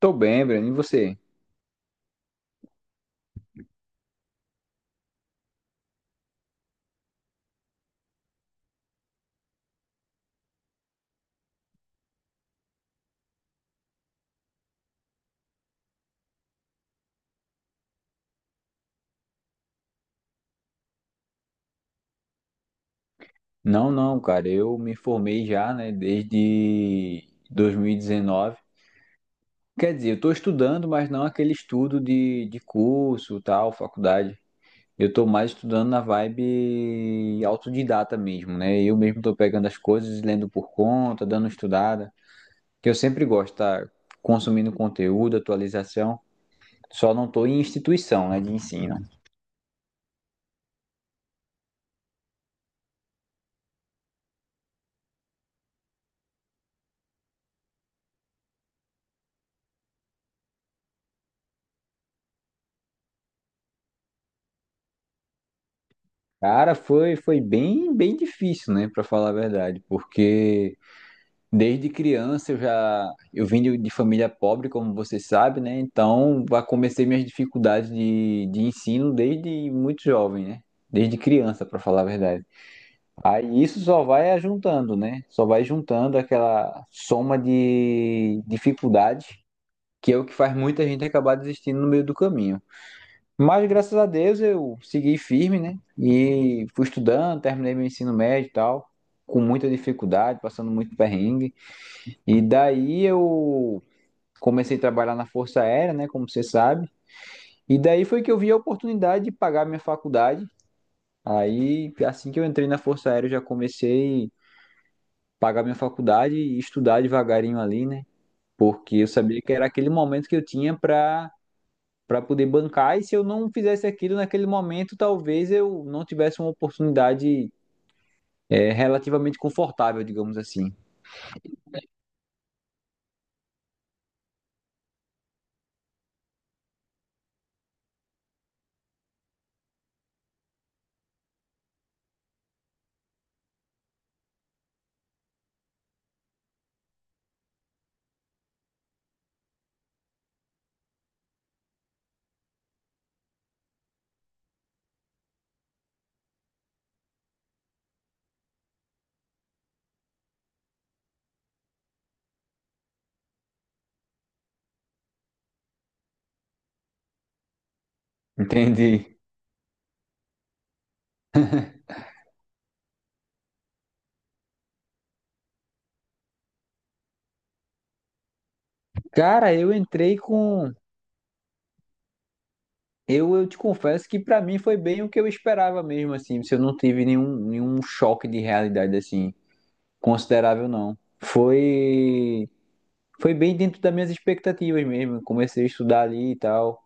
Tô bem, Breno, e você? Não, não, cara, eu me formei já, né, desde 2019. Quer dizer, eu tô estudando, mas não aquele estudo de, curso, tal, faculdade. Eu tô mais estudando na vibe autodidata mesmo, né? Eu mesmo tô pegando as coisas, lendo por conta, dando estudada, que eu sempre gosto, tá? Consumindo conteúdo, atualização. Só não tô em instituição, né, de ensino. Cara, foi bem, bem difícil, né, pra falar a verdade, porque desde criança eu já eu vim de, família pobre, como você sabe, né? Então, já comecei minhas dificuldades de, ensino desde muito jovem, né? Desde criança, para falar a verdade. Aí isso só vai juntando, né? Só vai juntando aquela soma de dificuldades, que é o que faz muita gente acabar desistindo no meio do caminho. Mas graças a Deus eu segui firme, né? E fui estudando, terminei meu ensino médio e tal, com muita dificuldade, passando muito perrengue. E daí eu comecei a trabalhar na Força Aérea, né, como você sabe. E daí foi que eu vi a oportunidade de pagar minha faculdade. Aí, assim que eu entrei na Força Aérea, eu já comecei a pagar minha faculdade e estudar devagarinho ali, né? Porque eu sabia que era aquele momento que eu tinha para poder bancar, e se eu não fizesse aquilo naquele momento, talvez eu não tivesse uma oportunidade é, relativamente confortável, digamos assim. Entendi. Cara, eu entrei com eu, te confesso que pra mim foi bem o que eu esperava mesmo, assim, se eu não tive nenhum, choque de realidade, assim, considerável, não. Foi, foi bem dentro das minhas expectativas mesmo, comecei a estudar ali e tal,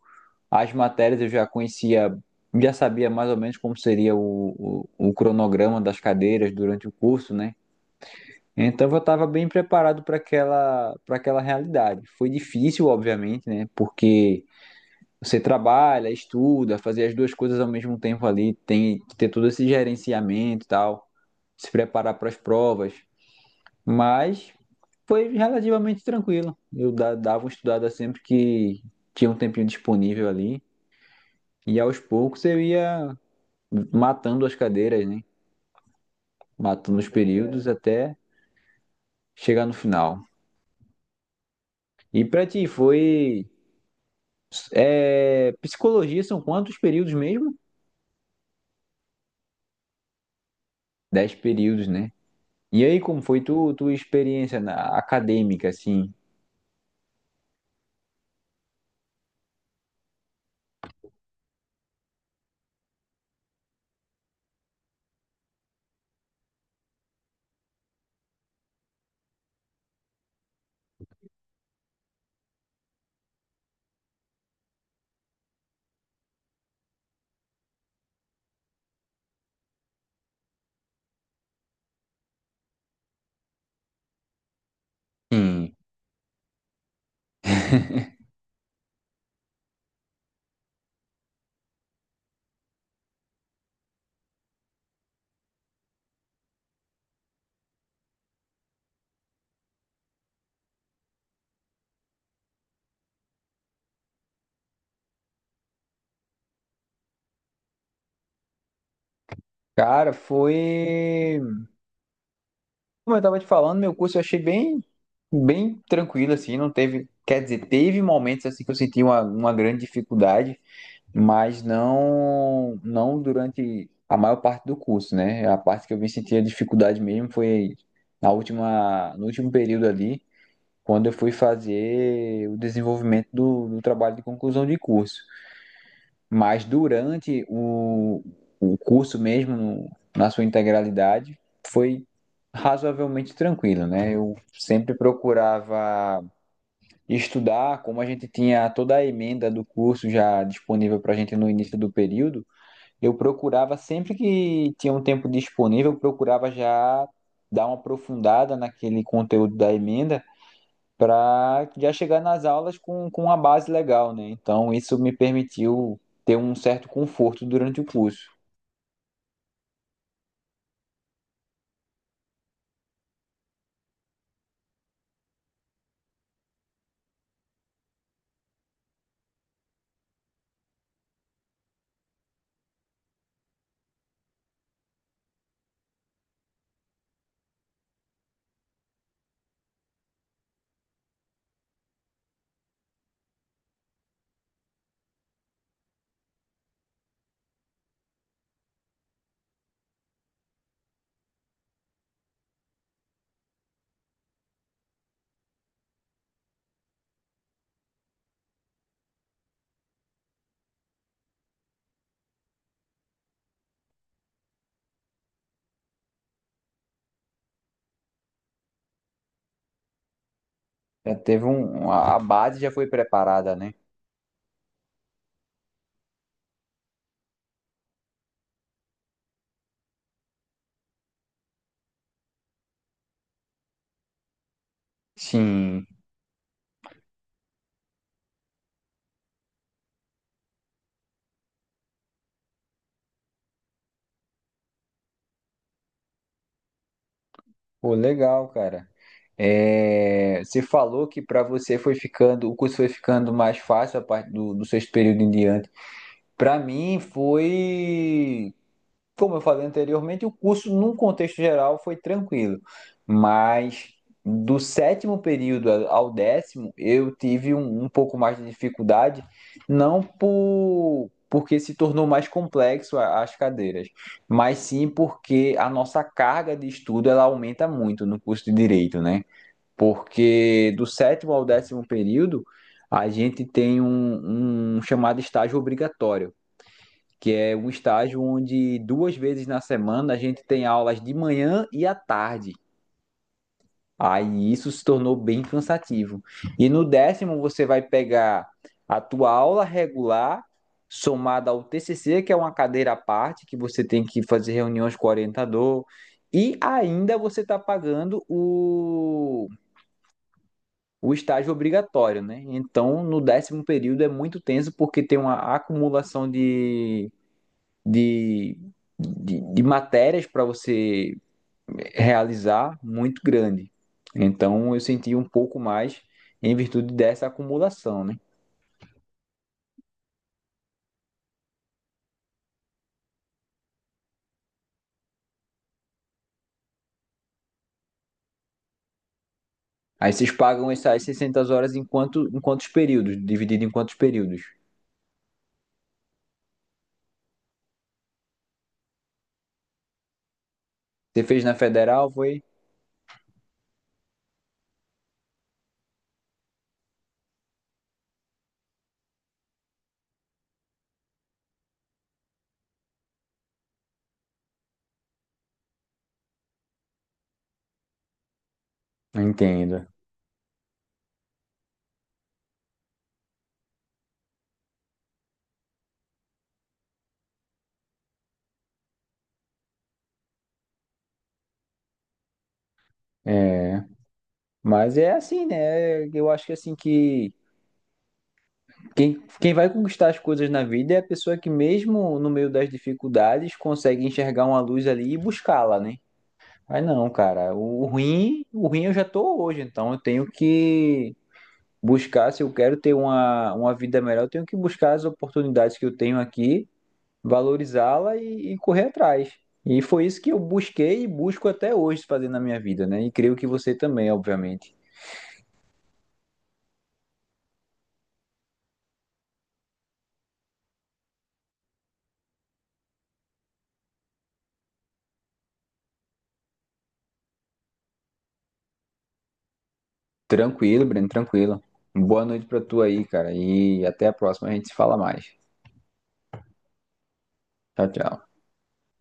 as matérias eu já conhecia, já sabia mais ou menos como seria o, cronograma das cadeiras durante o curso, né? Então eu estava bem preparado para aquela realidade. Foi difícil, obviamente, né? Porque você trabalha, estuda, fazer as duas coisas ao mesmo tempo ali, tem que ter todo esse gerenciamento e tal, se preparar para as provas. Mas foi relativamente tranquilo. Eu dava uma estudada sempre que tinha um tempinho disponível ali, e aos poucos eu ia matando as cadeiras, né? Matando os períodos até chegar no final. E para ti foi é, psicologia são quantos períodos mesmo? Dez períodos, né? E aí, como foi tu, tua experiência na acadêmica, assim? Sim. Cara, foi. Como eu tava te falando, meu curso eu achei bem tranquilo, assim, não teve. Quer dizer, teve momentos assim que eu senti uma, grande dificuldade, mas não, não durante a maior parte do curso, né? A parte que eu vim sentir a dificuldade mesmo foi na última, no último período ali, quando eu fui fazer o desenvolvimento do, trabalho de conclusão de curso. Mas durante o curso mesmo, na sua integralidade, foi razoavelmente tranquilo, né? Eu sempre procurava estudar, como a gente tinha toda a emenda do curso já disponível para a gente no início do período, eu procurava sempre que tinha um tempo disponível, eu procurava já dar uma aprofundada naquele conteúdo da emenda para já chegar nas aulas com uma base legal, né? Então, isso me permitiu ter um certo conforto durante o curso. Já teve um, a base já foi preparada, né? Sim. Pô, legal, cara. É, você falou que para você foi ficando, o curso foi ficando mais fácil a partir do, sexto período em diante. Para mim foi como eu falei anteriormente, o curso, num contexto geral, foi tranquilo. Mas do sétimo período ao décimo, eu tive um, um pouco mais de dificuldade, porque se tornou mais complexo as cadeiras, mas sim porque a nossa carga de estudo ela aumenta muito no curso de direito, né? Porque do sétimo ao décimo período, a gente tem um chamado estágio obrigatório, que é um estágio onde duas vezes na semana a gente tem aulas de manhã e à tarde. Aí isso se tornou bem cansativo. E no décimo você vai pegar a tua aula regular somada ao TCC, que é uma cadeira à parte, que você tem que fazer reuniões com o orientador, e ainda você está pagando o estágio obrigatório, né? Então, no décimo período é muito tenso porque tem uma acumulação de, de matérias para você realizar muito grande. Então eu senti um pouco mais em virtude dessa acumulação, né? Aí vocês pagam essas 600 horas em, quanto, em quantos períodos? Dividido em quantos períodos? Você fez na federal, foi? Entendo. É, mas é assim, né? Eu acho que assim que quem, quem vai conquistar as coisas na vida é a pessoa que mesmo no meio das dificuldades consegue enxergar uma luz ali e buscá-la, né? Mas não, cara. O ruim eu já tô hoje, então eu tenho que buscar, se eu quero ter uma vida melhor, eu tenho que buscar as oportunidades que eu tenho aqui, valorizá-la e correr atrás. E foi isso que eu busquei e busco até hoje fazer na minha vida, né? E creio que você também, obviamente. Tranquilo, Breno, tranquilo. Boa noite pra tu aí, cara. E até a próxima, a gente se fala mais. Tchau, tchau.